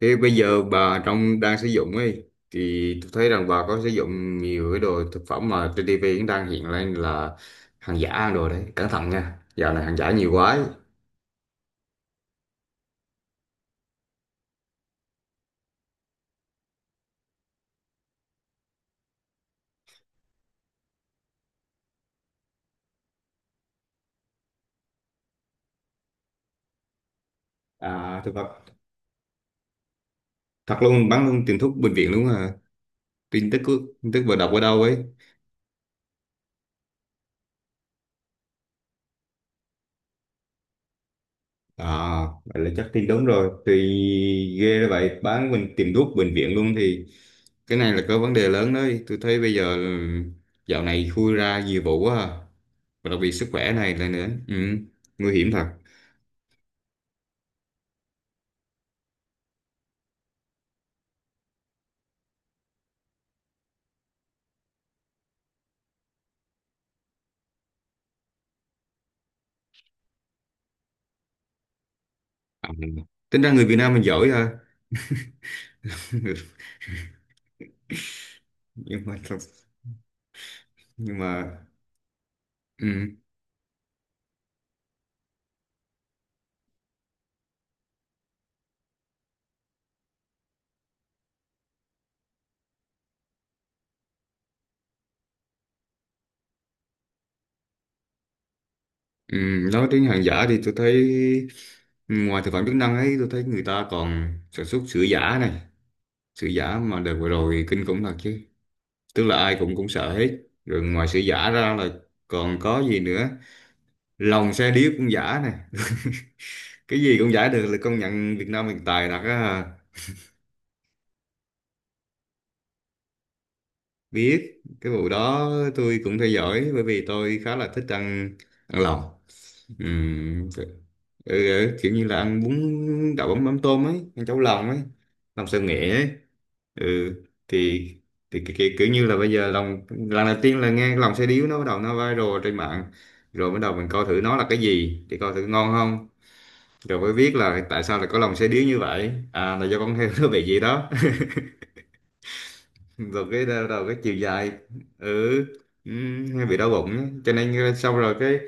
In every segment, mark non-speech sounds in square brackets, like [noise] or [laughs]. Thế bây giờ bà trong đang sử dụng ấy thì tôi thấy rằng bà có sử dụng nhiều cái đồ thực phẩm mà trên TV cũng đang hiện lên là hàng giả. Hàng đồ đấy cẩn thận nha, dạo này hàng giả nhiều quá ấy. À, thực vật. Thật luôn, bán luôn tiền thuốc bệnh viện luôn à? Tin tức vừa đọc ở đâu ấy? À, vậy là chắc tin đúng rồi. Thì ghê đó vậy, bán mình tìm thuốc bệnh viện luôn thì cái này là có vấn đề lớn đấy. Tôi thấy bây giờ dạo này khui ra nhiều vụ quá à. Và đặc biệt sức khỏe này là nữa. Ừ, nguy hiểm thật. À, tính ra người Việt Nam mình giỏi ha. [laughs] nhưng mà nhưng mà ừ, ừ, nói đến hàng giả thì tôi thấy, ừ, ngoài thực phẩm chức năng ấy tôi thấy người ta còn sản xuất sữa giả này. Sữa giả mà đợt vừa rồi kinh khủng thật chứ, tức là ai cũng cũng sợ hết. Rồi ngoài sự giả ra là còn có gì nữa, lòng xe điếc cũng giả nè. [laughs] Cái gì cũng giả được, là công nhận Việt Nam mình tài thật á. Biết cái vụ đó tôi cũng theo dõi bởi vì tôi khá là thích ăn ăn lòng. Ừm, ừ, Kiểu như là ăn bún đậu mắm mắm tôm ấy, ăn cháo lòng ấy, lòng xào nghệ ấy. Ừ thì thì kiểu như là bây giờ lòng, lần đầu tiên là nghe cái lòng xe điếu nó bắt đầu nó viral trên mạng. Rồi bắt đầu mình coi thử nó là cái gì, thì coi thử ngon không. Rồi mới biết là tại sao lại có lòng xe điếu như vậy, à là do con heo nó bị gì đó. [laughs] Rồi cái đầu đầu cái chiều dài, ừ ừ, hay bị đau bụng á. Cho nên xong rồi cái,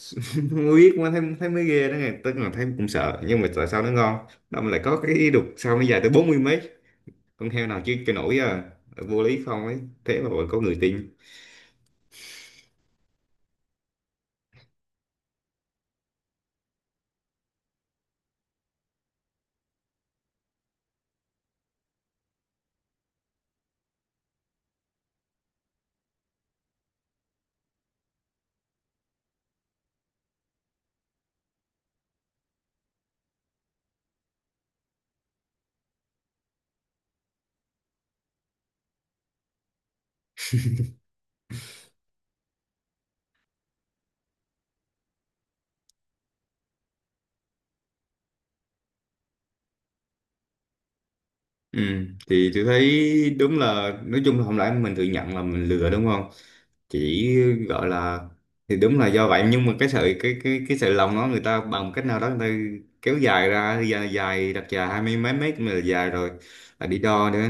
[laughs] không biết, mà thấy thấy mới ghê đó nghe, tức là thấy cũng sợ nhưng mà tại sao nó ngon, nó lại có cái đục, sao nó dài tới bốn mươi mấy con heo nào chứ cái nổi à, vô lý không ấy. Thế mà vẫn có người tin. Ừ. Thì tôi thấy đúng là nói chung là không lẽ mình tự nhận là mình lừa, đúng không? Chỉ gọi là, thì đúng là do vậy, nhưng mà cái sợi, cái sợi lòng đó người ta bằng cách nào đó người ta kéo dài ra dài, dài đặt dài hai mươi mấy mét mà là dài rồi, là đi đo nữa.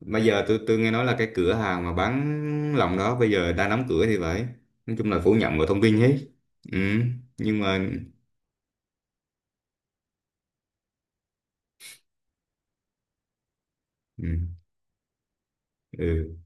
Bây giờ tôi nghe nói là cái cửa hàng mà bán lòng đó bây giờ đang đóng cửa thì phải. Nói chung là phủ nhận mọi thông tin hết. Ừ. Nhưng mà, ừ. Ừ.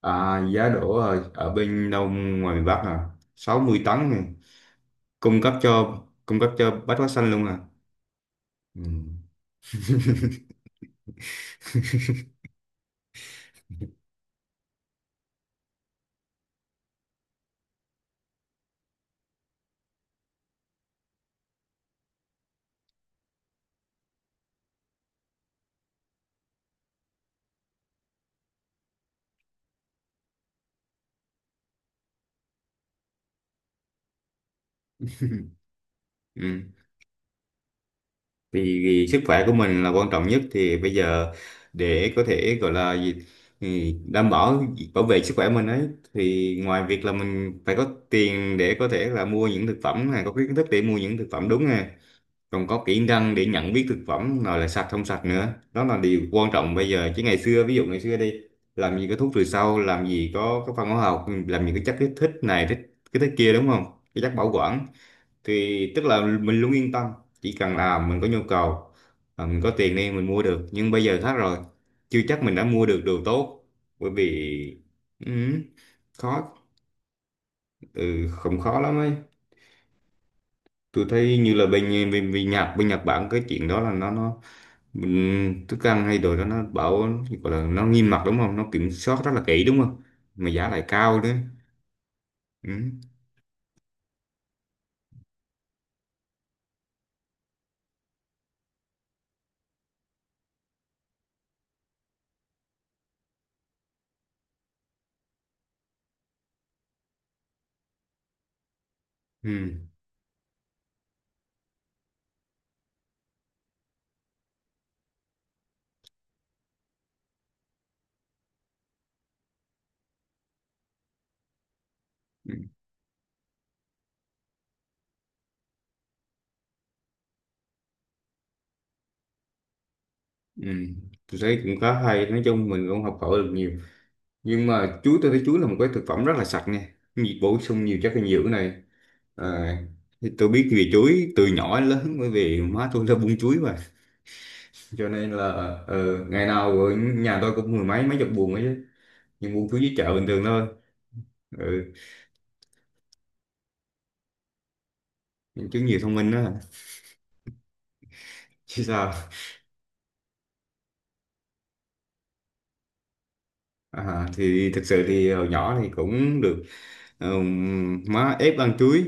À, giá đỗ ở bên đâu, ngoài miền Bắc à? 60 tấn này, cung cấp cho Bách Hóa Xanh luôn à? Ừ. [laughs] Ừ. Vì sức khỏe của mình là quan trọng nhất, thì bây giờ để có thể gọi là gì thì đảm bảo, bảo vệ sức khỏe mình ấy, thì ngoài việc là mình phải có tiền để có thể là mua những thực phẩm này, có cái kiến thức để mua những thực phẩm đúng nè, còn có kỹ năng để nhận biết thực phẩm nào là sạch, không sạch nữa. Đó là điều quan trọng bây giờ, chứ ngày xưa, ví dụ ngày xưa đi làm gì có thuốc trừ sâu, làm gì có phân hóa học, làm gì có chất kích thích này thích cái thích kia, đúng không, cái chất bảo quản, thì tức là mình luôn yên tâm, chỉ cần là mình có nhu cầu, à, mình có tiền đi mình mua được. Nhưng bây giờ khác rồi, chưa chắc mình đã mua được đồ tốt, bởi vì ừ, khó, ừ, không, khó lắm ấy. Tôi thấy như là bên bên, bên Nhật, bên Nhật Bản cái chuyện đó là nó mình thức ăn hay đồ đó nó bảo, gọi là nó nghiêm ngặt đúng không, nó kiểm soát rất là kỹ đúng không, mà giá lại cao nữa. Ừ. Ừ. Ừ. Ừ. Tôi thấy cũng khá hay, nói chung mình cũng học hỏi được nhiều. Nhưng mà chuối, tôi thấy chuối là một cái thực phẩm rất là sạch nha, nhiệt bổ sung nhiều chất dinh dưỡng này. À, thì tôi biết về chuối từ nhỏ đến lớn bởi vì má tôi là buôn chuối mà, cho nên là ngày nào ở nhà tôi cũng mười mấy, mấy chục buồng ấy chứ, nhưng buôn chuối dưới chợ bình thường thôi. Ừ. Chuối nhiều thông minh đó, chứ sao. À, thì thực sự thì hồi nhỏ thì cũng được, má ép ăn chuối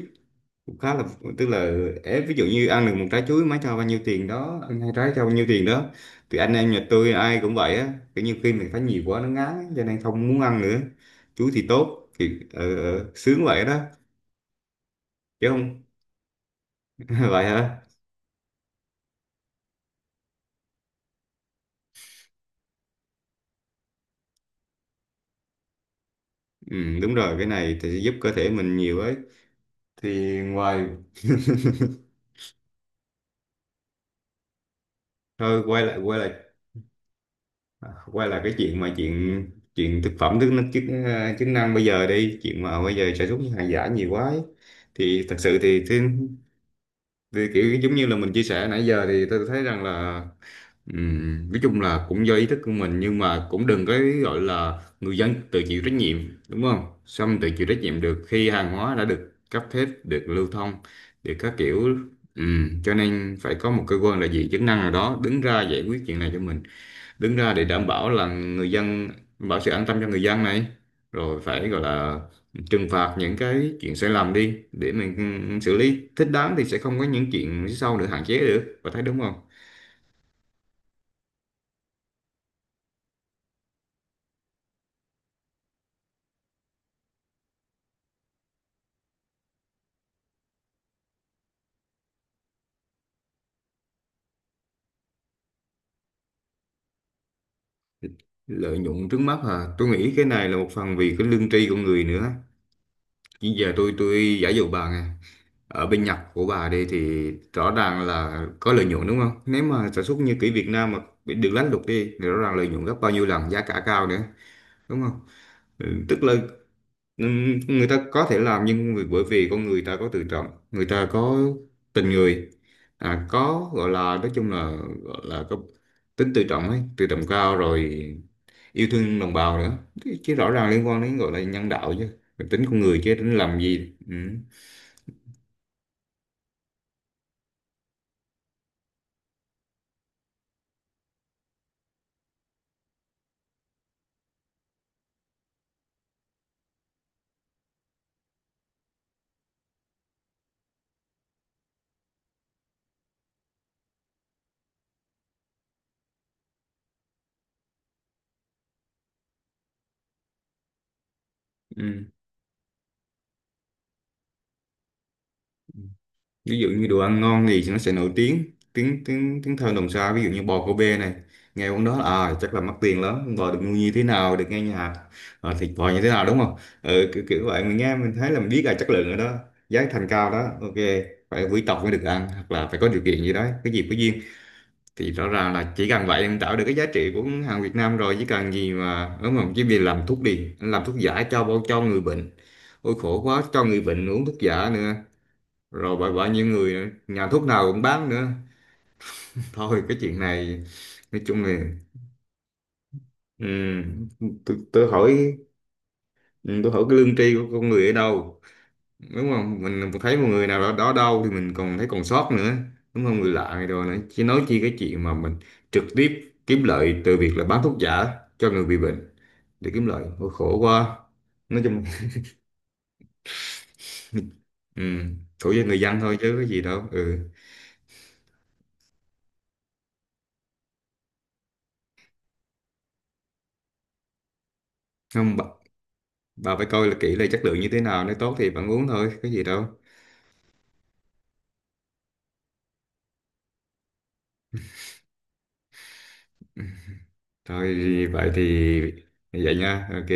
cũng khá là, tức là ép, ví dụ như ăn được một trái chuối má cho bao nhiêu tiền đó, ăn hai trái cho bao nhiêu tiền đó. Thì anh em nhà tôi ai cũng vậy á, kiểu như khi mình thấy nhiều quá nó ngán cho nên không muốn ăn nữa. Chuối thì tốt thì sướng vậy đó, chứ không. [laughs] Vậy hả? Ừ, Đúng rồi, cái này thì sẽ giúp cơ thể mình nhiều ấy, thì ngoài, thôi quay lại, quay lại cái chuyện mà, chuyện chuyện thực phẩm thức năng, chức chức năng bây giờ đi, chuyện mà bây giờ sản xuất những hàng giả nhiều quá ấy. Thì thật sự thì kiểu giống như là mình chia sẻ nãy giờ, thì tôi thấy rằng là, nói chung là cũng do ý thức của mình, nhưng mà cũng đừng có gọi là người dân tự chịu trách nhiệm, đúng không? Xong tự chịu trách nhiệm được khi hàng hóa đã được cấp phép, được lưu thông, được các kiểu. Cho nên phải có một cơ quan là gì, chức năng nào đó đứng ra giải quyết chuyện này cho mình, đứng ra để đảm bảo là người dân, bảo sự an tâm cho người dân này, rồi phải gọi là trừng phạt những cái chuyện sai lầm đi để mình xử lý thích đáng, thì sẽ không có những chuyện phía sau, được hạn chế được và thấy đúng không. Lợi nhuận trước mắt à, tôi nghĩ cái này là một phần vì cái lương tri của người nữa. Chứ giờ tôi giả dụ bà nè, ở bên Nhật của bà đây thì rõ ràng là có lợi nhuận đúng không, nếu mà sản xuất như kiểu Việt Nam mà bị được lánh luật đi thì rõ ràng lợi nhuận gấp bao nhiêu lần, giá cả cao nữa, đúng không? Ừ, tức là, người ta có thể làm, nhưng bởi vì con người ta có tự trọng, người ta có tình người, à, có gọi là, nói chung là gọi là có tính tự trọng ấy, tự trọng cao rồi, yêu thương đồng bào nữa, chứ rõ ràng liên quan đến, gọi là nhân đạo chứ, tính con người chứ tính làm gì. Ừm. Ví dụ như đồ ăn ngon thì nó sẽ nổi tiếng, tiếng tiếng tiếng thơm đồng xa, ví dụ như bò Kobe này, nghe món đó, à chắc là mắc tiền lắm, bò được nuôi như thế nào, được nghe nhà, à, thịt bò như thế nào đúng không. Ừ, kiểu vậy mình nghe mình thấy là mình biết là chất lượng rồi đó, giá thành cao đó, ok, phải quý tộc mới được ăn hoặc là phải có điều kiện gì đó, cái gì có duyên, thì rõ ràng là chỉ cần vậy em tạo được cái giá trị của hàng Việt Nam rồi chứ cần gì mà, đúng không, chứ vì làm thuốc đi, làm thuốc giả cho người bệnh, ôi khổ quá, cho người bệnh uống thuốc giả nữa, rồi bởi bởi những người nhà thuốc nào cũng bán nữa. [laughs] Thôi cái chuyện này nói chung là, ừm, tôi hỏi, tôi hỏi cái lương tri của con người ở đâu, đúng không? Mình thấy một người nào đó đâu thì mình còn thấy còn sót nữa, đúng không, người lạ này rồi nữa, chứ nói chi cái chuyện mà mình trực tiếp kiếm lợi từ việc là bán thuốc giả cho người bị bệnh, để kiếm lợi. Ôi, khổ quá, nói chung. [laughs] Khổ cho người dân thôi chứ có gì đâu. Ừ, không bà, bà phải coi là kỹ là chất lượng như thế nào, nếu tốt thì bạn uống thôi có gì đâu. Thôi vậy thì vậy nha. Ok,